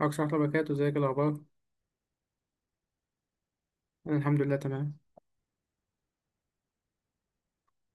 عليكم ورحمة الله وبركاته، ازيك؟ إيه الأخبار؟ أنا الحمد لله تمام.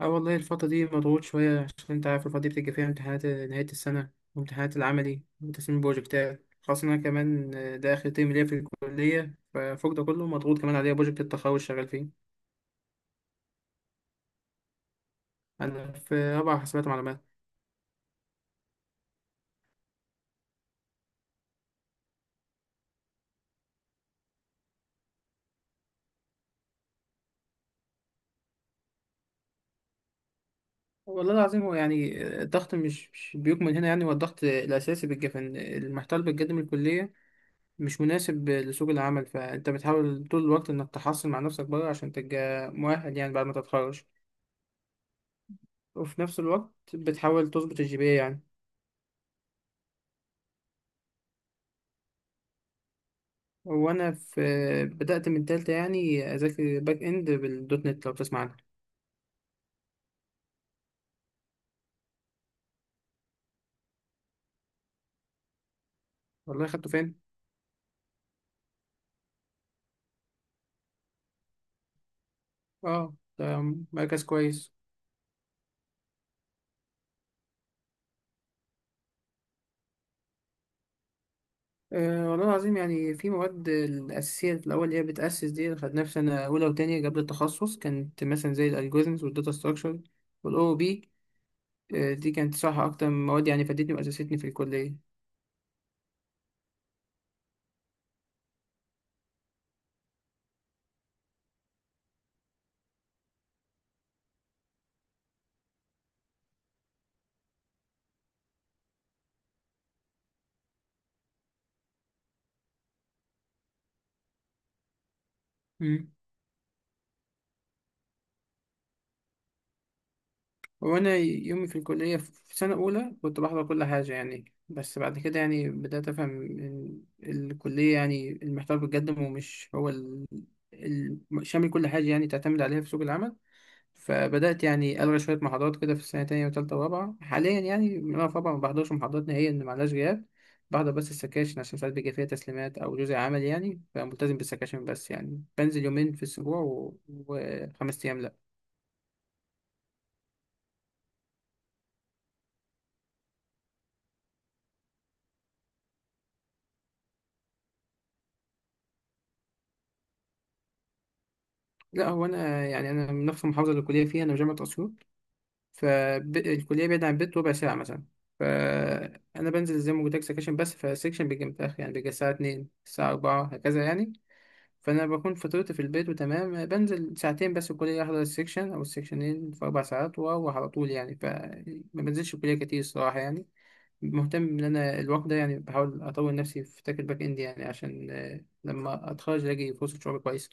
والله الفترة دي مضغوط شوية، عشان أنت عارف الفترة دي بتيجي فيها امتحانات نهاية السنة وامتحانات العملي وتسليم البروجكتات، خاصة إن أنا كمان ده آخر ترم ليا في الكلية. ففوق ده كله مضغوط كمان عليا بروجكت التخرج، شغال فيه. أنا في رابعة حاسبات معلومات. والله العظيم، هو يعني الضغط مش بيكمن هنا. يعني هو الضغط الأساسي بيبقى إن المحتوى اللي بتقدم الكلية مش مناسب لسوق العمل، فأنت بتحاول طول الوقت إنك تحصل مع نفسك بره عشان تبقى مؤهل يعني بعد ما تتخرج. وفي نفس الوقت بتحاول تظبط الجي بي يعني. وانا في، بدأت من تالتة يعني اذاكر باك اند بالدوت نت لو بتسمع عنها. والله، خدته فين؟ اه ده مركز كويس. أه والله العظيم، يعني في مواد الأساسية الأول اللي هي بتأسس، دي خدناها في سنة أولى وتانية قبل التخصص، كانت مثلا زي الألجوريزمز والداتا ستراكشر والأو بي. أه دي كانت صح أكتر من مواد، يعني فادتني وأسستني في الكلية. مم. وانا يومي في الكليه في سنه اولى كنت بحضر كل حاجه يعني، بس بعد كده يعني بدات افهم ان الكليه يعني المحتوى اللي بيتقدم، ومش هو شامل كل حاجه يعني تعتمد عليها في سوق العمل. فبدات يعني الغي شويه محاضرات كده في السنه التانية وتالتة، ورابعه حاليا يعني من انا في رابعه ما بحضرش محاضرات نهائيا، ان معلاش غياب. بحضر بس السكاشن عشان ساعات بيجي فيها تسليمات او جزء عمل يعني، فملتزم بالسكاشن بس. يعني بنزل يومين في الاسبوع، وخمس ايام لا. لا هو انا يعني من نفس المحافظه اللي الكليه فيها، انا في جامعه اسيوط. فالكليه بعيده عن البيت ربع ساعه مثلا. فانا بنزل زي ما قلت لك سكشن بس، فالسكشن بيجي متاخر يعني، بيجي الساعه 2 الساعه 4 هكذا يعني. فانا بكون فطرت في البيت وتمام، بنزل ساعتين بس الكليه، احضر السكشن او السكشنين في 4 ساعات واروح على طول يعني. فما بنزلش الكليه كتير الصراحه يعني. مهتم ان انا الوقت ده يعني بحاول اطور نفسي في تراك الباك اند، يعني عشان لما اتخرج الاقي فرصه شغل كويسه.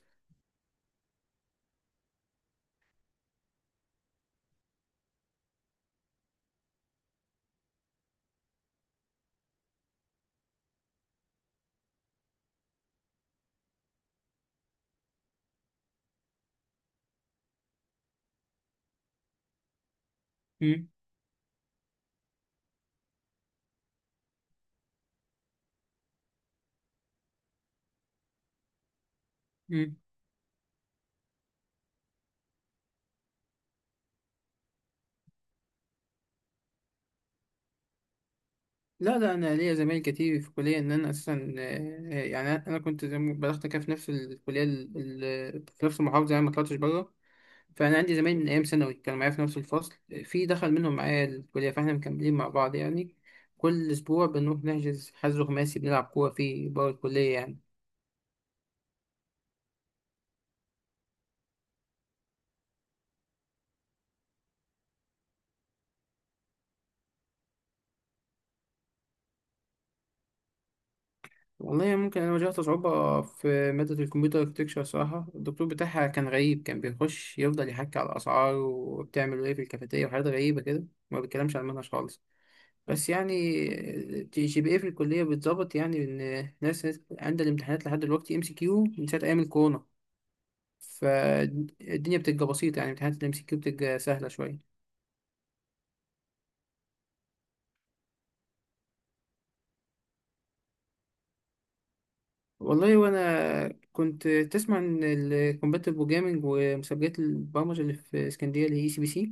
مم. لا لا، انا ليا زمايل كتير في الكليه. ان انا اساسا يعني انا كنت زي ما بلغت كده في نفس الكليه، في نفس المحافظه يعني، ما طلعتش بره. فانا عندي زمايل من ايام ثانوي كانوا معايا في نفس الفصل، في دخل منهم معايا الكليه، فاحنا مكملين مع بعض يعني. كل اسبوع بنروح نحجز حجز خماسي بنلعب كوره فيه بره الكليه يعني. والله، ممكن انا واجهت صعوبه في ماده الكمبيوتر اركتكشر. صراحه الدكتور بتاعها كان غريب، كان بيخش يفضل يحكي على الاسعار وبتعمل ايه في الكافيتيريا وحاجات غريبه كده، ما بيتكلمش عن المنهج خالص. بس يعني جي جي بي ايه في الكلية بتظبط، يعني إن ناس عندها الامتحانات لحد دلوقتي ام سي كيو من ساعة أيام الكورونا. فالدنيا بتبقى بسيطة يعني، امتحانات الام سي كيو بتبقى سهلة شوية. والله وأنا كنت تسمع عن الكومباتيف بروجرامينج ومسابقات البرمجة اللي في اسكندرية اللي هي اي سي بي سي.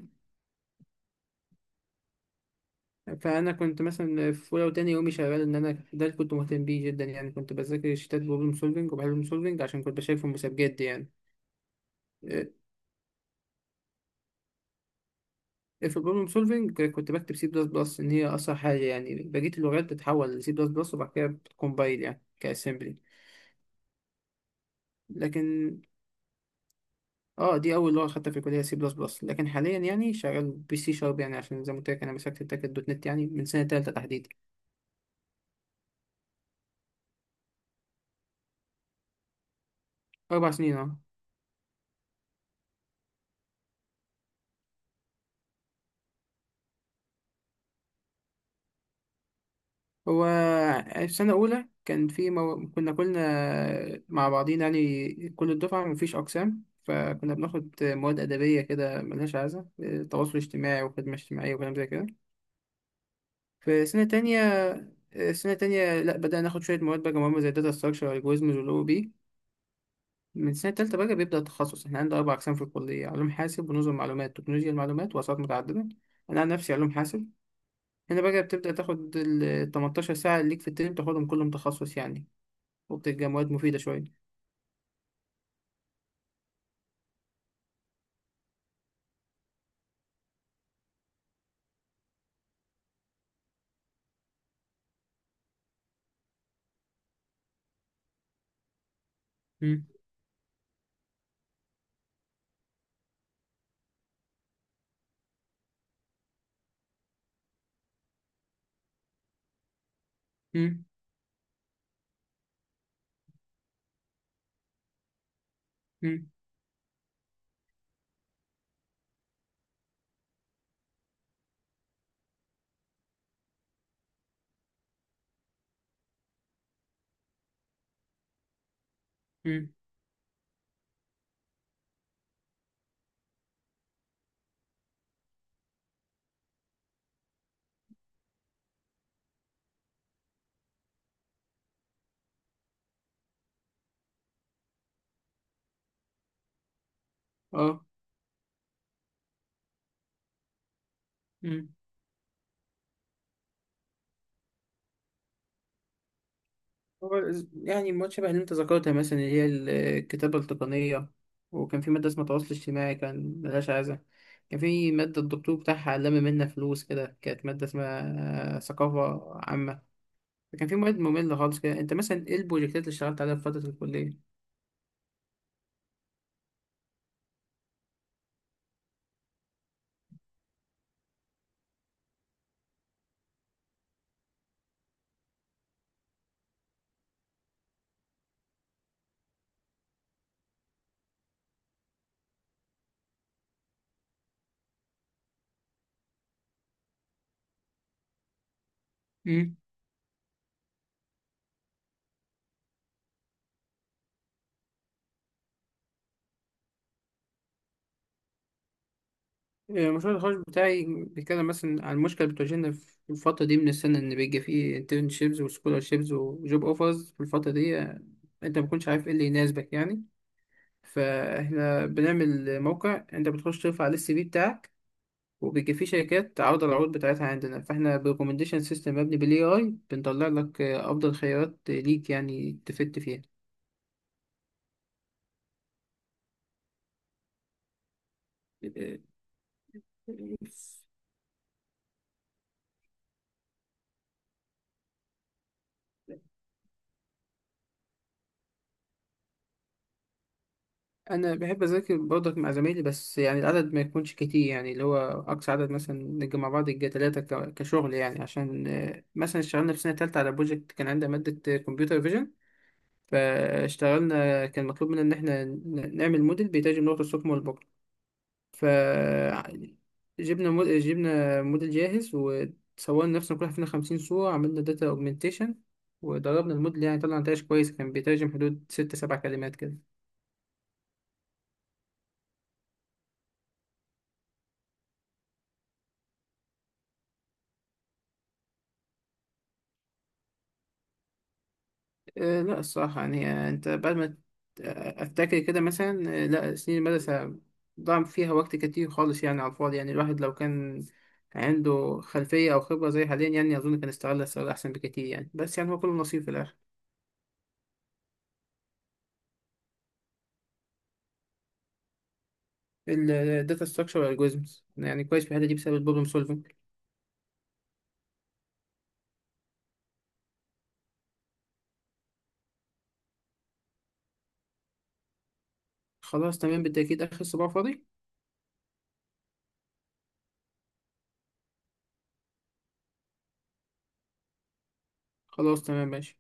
فأنا كنت مثلا في أولى وتاني يومي شغال، إن أنا ده اللي كنت مهتم بيه جدا يعني. كنت بذاكر شتات بروبلم سولفينج وبحل بروبلم سولفينج عشان كنت بشارك في المسابقات دي يعني. في البروبلم سولفينج كنت بكتب سي بلس بلس ان هي اسرع حاجه يعني، بقيه اللغات بتتحول لسي بلس بلس وبعد كده بتكمبايل يعني كاسمبلي. لكن اه دي اول لغه خدتها في الكليه سي بلس بلس، لكن حاليا يعني شغال بي سي شارب، يعني عشان زي ما قلت لك انا مسكت التاكد دوت نت يعني من سنه تالته تحديدا. 4 سنين اه. هو في سنه اولى كان في كنا كلنا مع بعضينا يعني، كل الدفعه مفيش اقسام، فكنا بناخد مواد ادبيه كده ملهاش عايزه، تواصل اجتماعي وخدمه اجتماعيه وكلام زي كده. في سنة تانية سنة تانية لا بدأنا ناخد شوية مواد بقى مهمة زي داتا ستراكشر والجوريزمز والأو بي. من سنة تالتة بقى بيبدأ التخصص، احنا عندنا 4 أقسام في الكلية: علوم حاسب ونظم معلومات، تكنولوجيا المعلومات وأسعار متعددة. أنا عن نفسي علوم حاسب. هنا بقى بتبدأ تاخد ال 18 ساعة اللي ليك في الترم تاخدهم كلهم تخصص يعني، وبتبقى مواد مفيدة شوية. مم. مم، مم، مم، اه. هو يعني المواد شبه اللي انت ذكرتها مثلا، اللي هي الكتابة التقنية. وكان في مادة اسمها تواصل اجتماعي كان ملهاش عايزة. كان في مادة الدكتور بتاعها لم منا فلوس كده، كانت مادة اسمها ثقافة عامة. فكان في مواد مملة خالص كده. انت مثلا ايه البروجكتات اللي اشتغلت عليها في فترة الكلية؟ مم. المشروع التخرج بتاعي بيتكلم مثلا عن مشكلة بتواجهنا في الفترة دي من السنة، إن بيجي فيه internships وscholarships وجوب اوفرز في الفترة دي. أنت مبتكونش عارف ايه اللي يناسبك يعني. فاحنا بنعمل موقع انت بتخش ترفع عليه السي في بتاعك، وبيجي فيه شركات تعرض العروض بتاعتها عندنا، فاحنا بريكومنديشن سيستم مبني بالاي اي بنطلع لك افضل خيارات ليك يعني تفت فيها. انا بحب اذاكر برضك مع زمايلي، بس يعني العدد ما يكونش كتير، يعني اللي هو اقصى عدد مثلا نجي مع بعض يجي 3 كشغل يعني. عشان مثلا اشتغلنا في سنة تالتة على بروجكت، كان عندنا مادة كمبيوتر فيجن. فاشتغلنا كان مطلوب منا إن إحنا نعمل موديل بيترجم لغة الصم والبكم. فجبنا موديل، جبنا موديل جاهز، وصورنا نفسنا كل واحد فينا 50 صورة، عملنا داتا أوجمنتيشن وضربنا الموديل، يعني طلع نتائج كويسة، كان بيترجم حدود 6 7 كلمات كده. لا الصراحة يعني، آه، أنت بعد ما ت- آه، أفتكر كده مثلا. لا سنين المدرسة ضاع فيها وقت كتير خالص يعني على الفاضي يعني. الواحد لو كان عنده خلفية أو خبرة زي حاليا يعني، أظن كان استغلها استغلال أحسن بكتير يعني. بس يعني هو كله نصيب في الآخر. الداتا ستراكشر والالجوريزمز يعني كويس في الحتة دي بسبب البروبلم سولفنج. خلاص تمام، بالتأكيد آخر صباع فاضي. خلاص تمام ماشي.